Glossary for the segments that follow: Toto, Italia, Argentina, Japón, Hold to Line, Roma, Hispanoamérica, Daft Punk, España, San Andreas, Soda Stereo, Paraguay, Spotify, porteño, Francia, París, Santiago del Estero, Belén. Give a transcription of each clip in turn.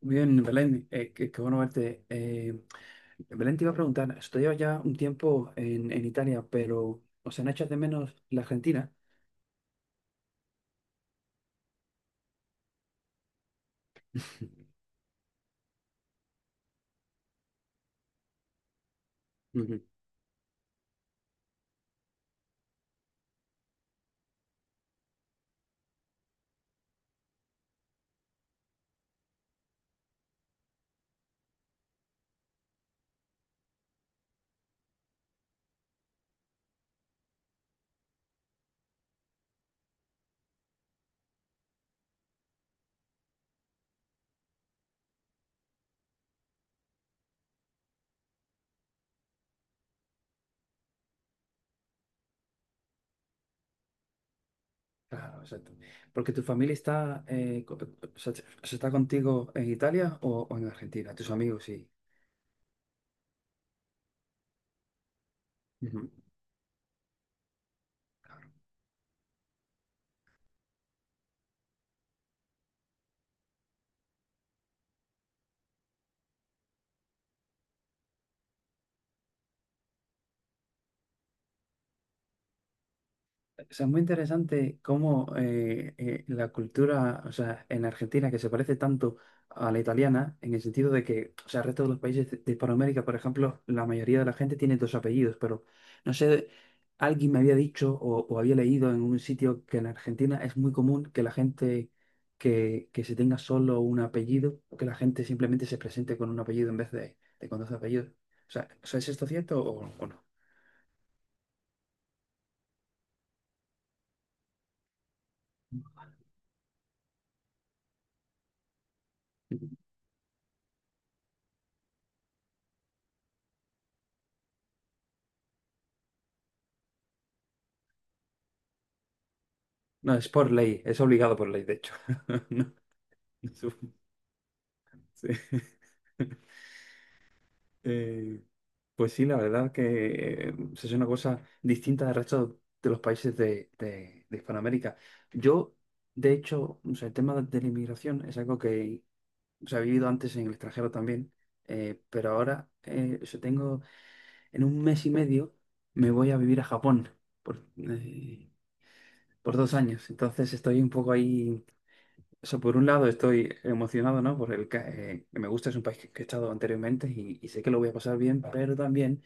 Bien, Belén, qué bueno verte. Belén, te iba a preguntar, estoy ya un tiempo en Italia, pero ¿os han hecho de menos la Argentina? Ujú. Claro, exacto. Porque tu familia está, o sea, se está contigo en Italia o en Argentina, tus amigos, sí. O sea, es muy interesante cómo la cultura, o sea, en Argentina, que se parece tanto a la italiana, en el sentido de que, o sea, el resto de los países de Hispanoamérica, por ejemplo, la mayoría de la gente tiene dos apellidos, pero no sé, alguien me había dicho o había leído en un sitio que en Argentina es muy común que la gente que se tenga solo un apellido, o que la gente simplemente se presente con un apellido en vez de con dos apellidos. O sea, ¿es esto cierto o no? No, es por ley, es obligado por ley, de hecho. Su- sí. Eh, pues sí, la verdad que es una cosa distinta del resto de los países de Hispanoamérica. Yo, de hecho, o sea, el tema de la inmigración es algo que se ha vivido antes en el extranjero también, pero ahora o sea, tengo, en un mes y medio me voy a vivir a Japón por, eh, por 2 años. Entonces estoy un poco ahí. Eso por un lado estoy emocionado, ¿no? Que me gusta, es un país que he estado anteriormente y sé que lo voy a pasar bien, pero también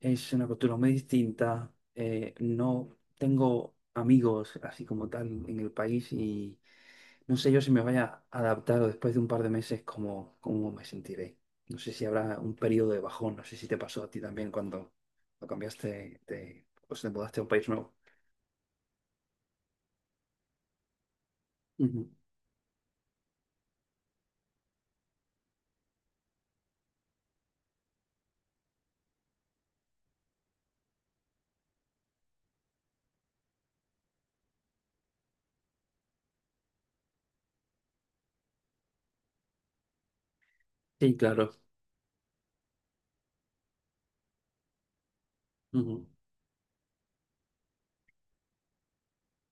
es una cultura muy distinta. No tengo amigos así como tal en el país y no sé yo si me vaya a adaptar o después de un par de meses cómo me sentiré. No sé si habrá un periodo de bajón, no sé si te pasó a ti también cuando lo cambiaste, de, pues te mudaste a un país nuevo. Ujú. Sí, claro. Ujú.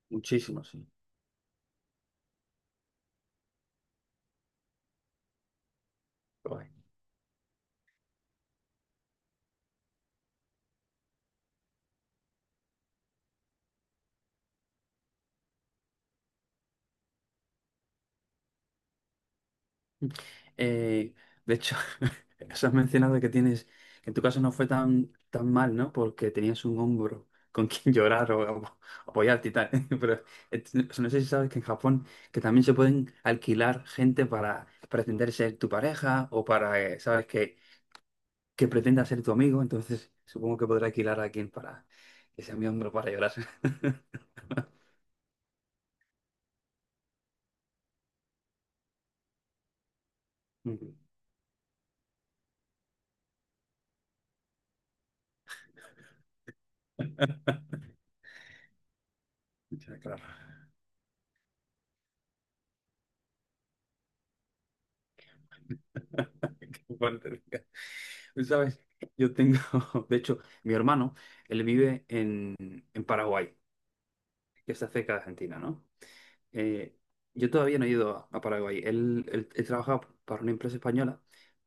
Muchísimo, sí. Guay. Eh, de hecho, eso has mencionado que tienes, que en tu caso no fue tan mal, ¿no? Porque tenías un hombro con quien llorar o apoyarte y tal. Pero eh, no sé si sabes que en Japón que también se pueden alquilar gente para pretender ser tu pareja o para, ¿sabes? Que pretenda ser tu amigo. Entonces, supongo que podré alquilar a alguien para que sea mi hombro para llorar. Ya, claro. Qué fuerte. Tú, ¿sabes? Yo tengo, de hecho, mi hermano, él vive en Paraguay, que está cerca de Argentina, ¿no? Eh, yo todavía no he ido a Paraguay. Él trabajaba para una empresa española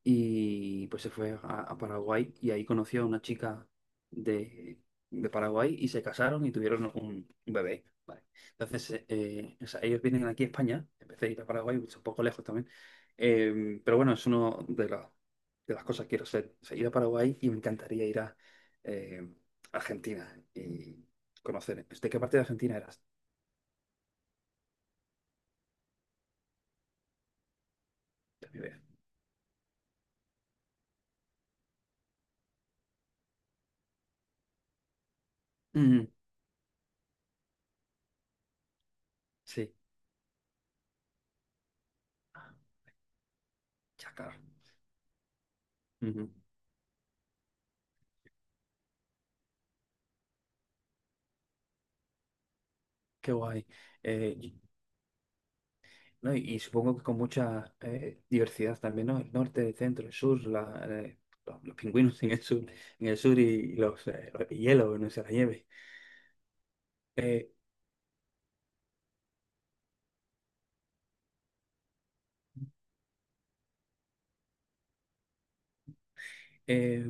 y pues se fue a Paraguay y ahí conoció a una chica de, de Paraguay y se casaron y tuvieron un bebé. Vale. Entonces, o sea, ellos vienen aquí a España, empecé a ir a Paraguay, es un poco lejos también. Pero bueno, es una de las cosas que quiero hacer, o sea, ir a Paraguay y me encantaría ir a eh, Argentina y conocer. ¿De qué parte de Argentina eras? De mi vida. Ujú, sí. Ya, claro. Ujú. Qué guay. Eh, y, no, y supongo que con mucha diversidad también, ¿no? El norte, el centro, el sur, la, los pingüinos en el sur y los hielos, no sé, la nieve. Eh, eh,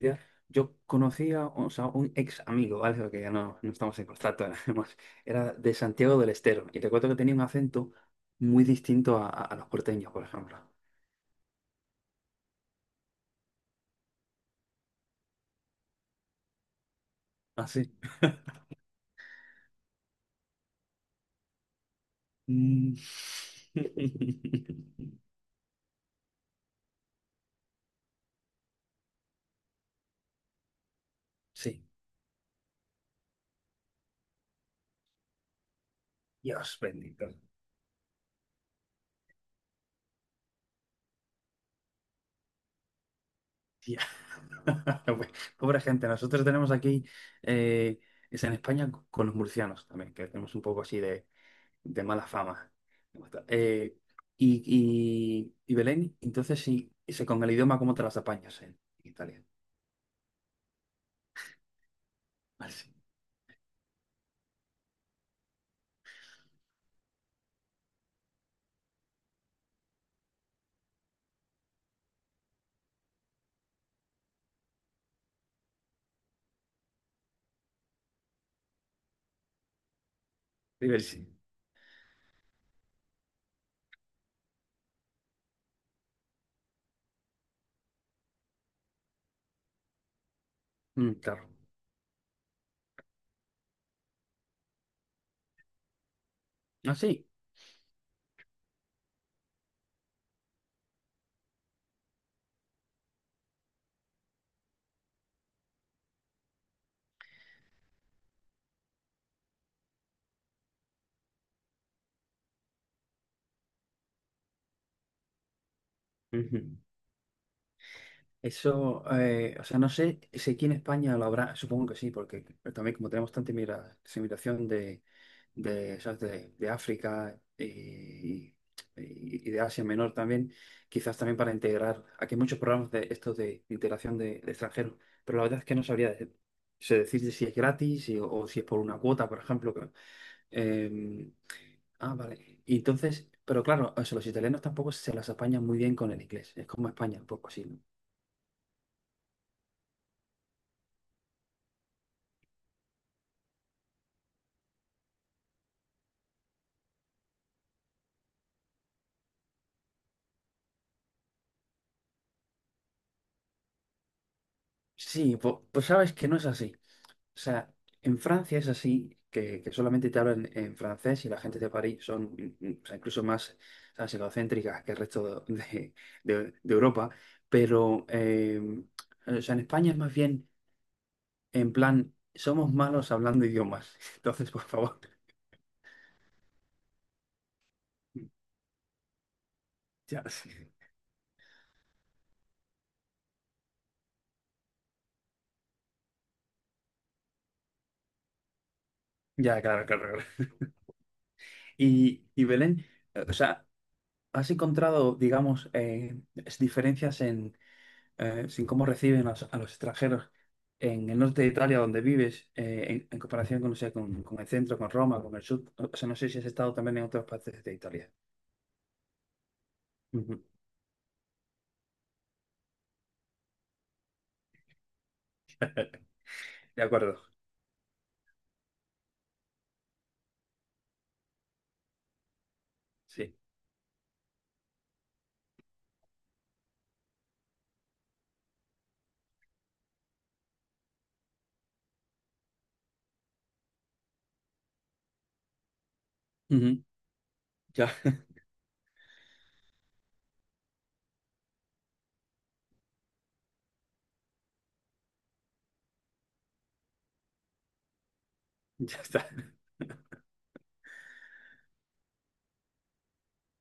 ya, Yo conocía, o sea, un ex amigo, ¿vale? Porque ya no estamos en contacto, nada más. Era de Santiago del Estero y recuerdo que tenía un acento muy distinto a los porteños, por ejemplo. Así. Sí. Dios bendito. Tía. Bueno, pobre gente, nosotros tenemos aquí, eh, es en España con los murcianos también, que tenemos un poco así de mala fama. Eh, y Belén, entonces sí, ese, con el idioma, ¿cómo te las apañas en Italia? Así, diversi. Mm, claro. Ah, sí. Ujú. Eso, o sea, no sé si aquí en España lo habrá, supongo que sí, porque también como tenemos tanta inmigración ¿sabes? De África, y de Asia Menor también, quizás también para integrar. Aquí hay muchos programas de estos de integración de extranjeros, pero la verdad es que no sabría sé decirte si es gratis o si es por una cuota, por ejemplo. Eh, ah, vale. Y entonces, pero claro, o sea, los italianos tampoco se las apañan muy bien con el inglés. Es como España, un poco así, ¿no? Sí, pues sabes que no es así. O sea, en Francia es así, que solamente te hablan en francés y la gente de París son o sea, incluso más ¿sabes? Egocéntricas que el resto de Europa, pero o sea, en España es más bien en plan, somos malos hablando idiomas, entonces por favor. Ya, sí. Ya, claro, claro, claro. Y Belén, o sea, ¿has encontrado, digamos, diferencias sin cómo reciben a a los extranjeros en el norte de Italia donde vives, en comparación con, no sé, con el centro, con Roma, con el sur. O sea, no sé si has estado también en otras partes de Italia. Ujú. De acuerdo, sí. Ujú. Ya, ya está.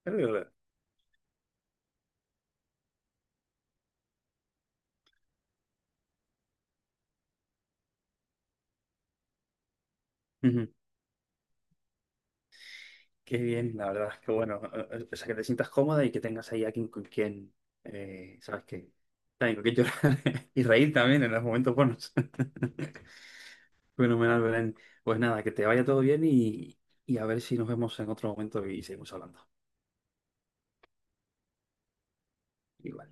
Pero, Ujú. Qué bien, la verdad, qué bueno. O sea, que te sientas cómoda y que tengas ahí a quien, con quien, ¿sabes qué? También con quien llorar y reír también en los momentos buenos. Fenomenal, Belén. Pues nada, que te vaya todo bien y a ver si nos vemos en otro momento y seguimos hablando. Igual.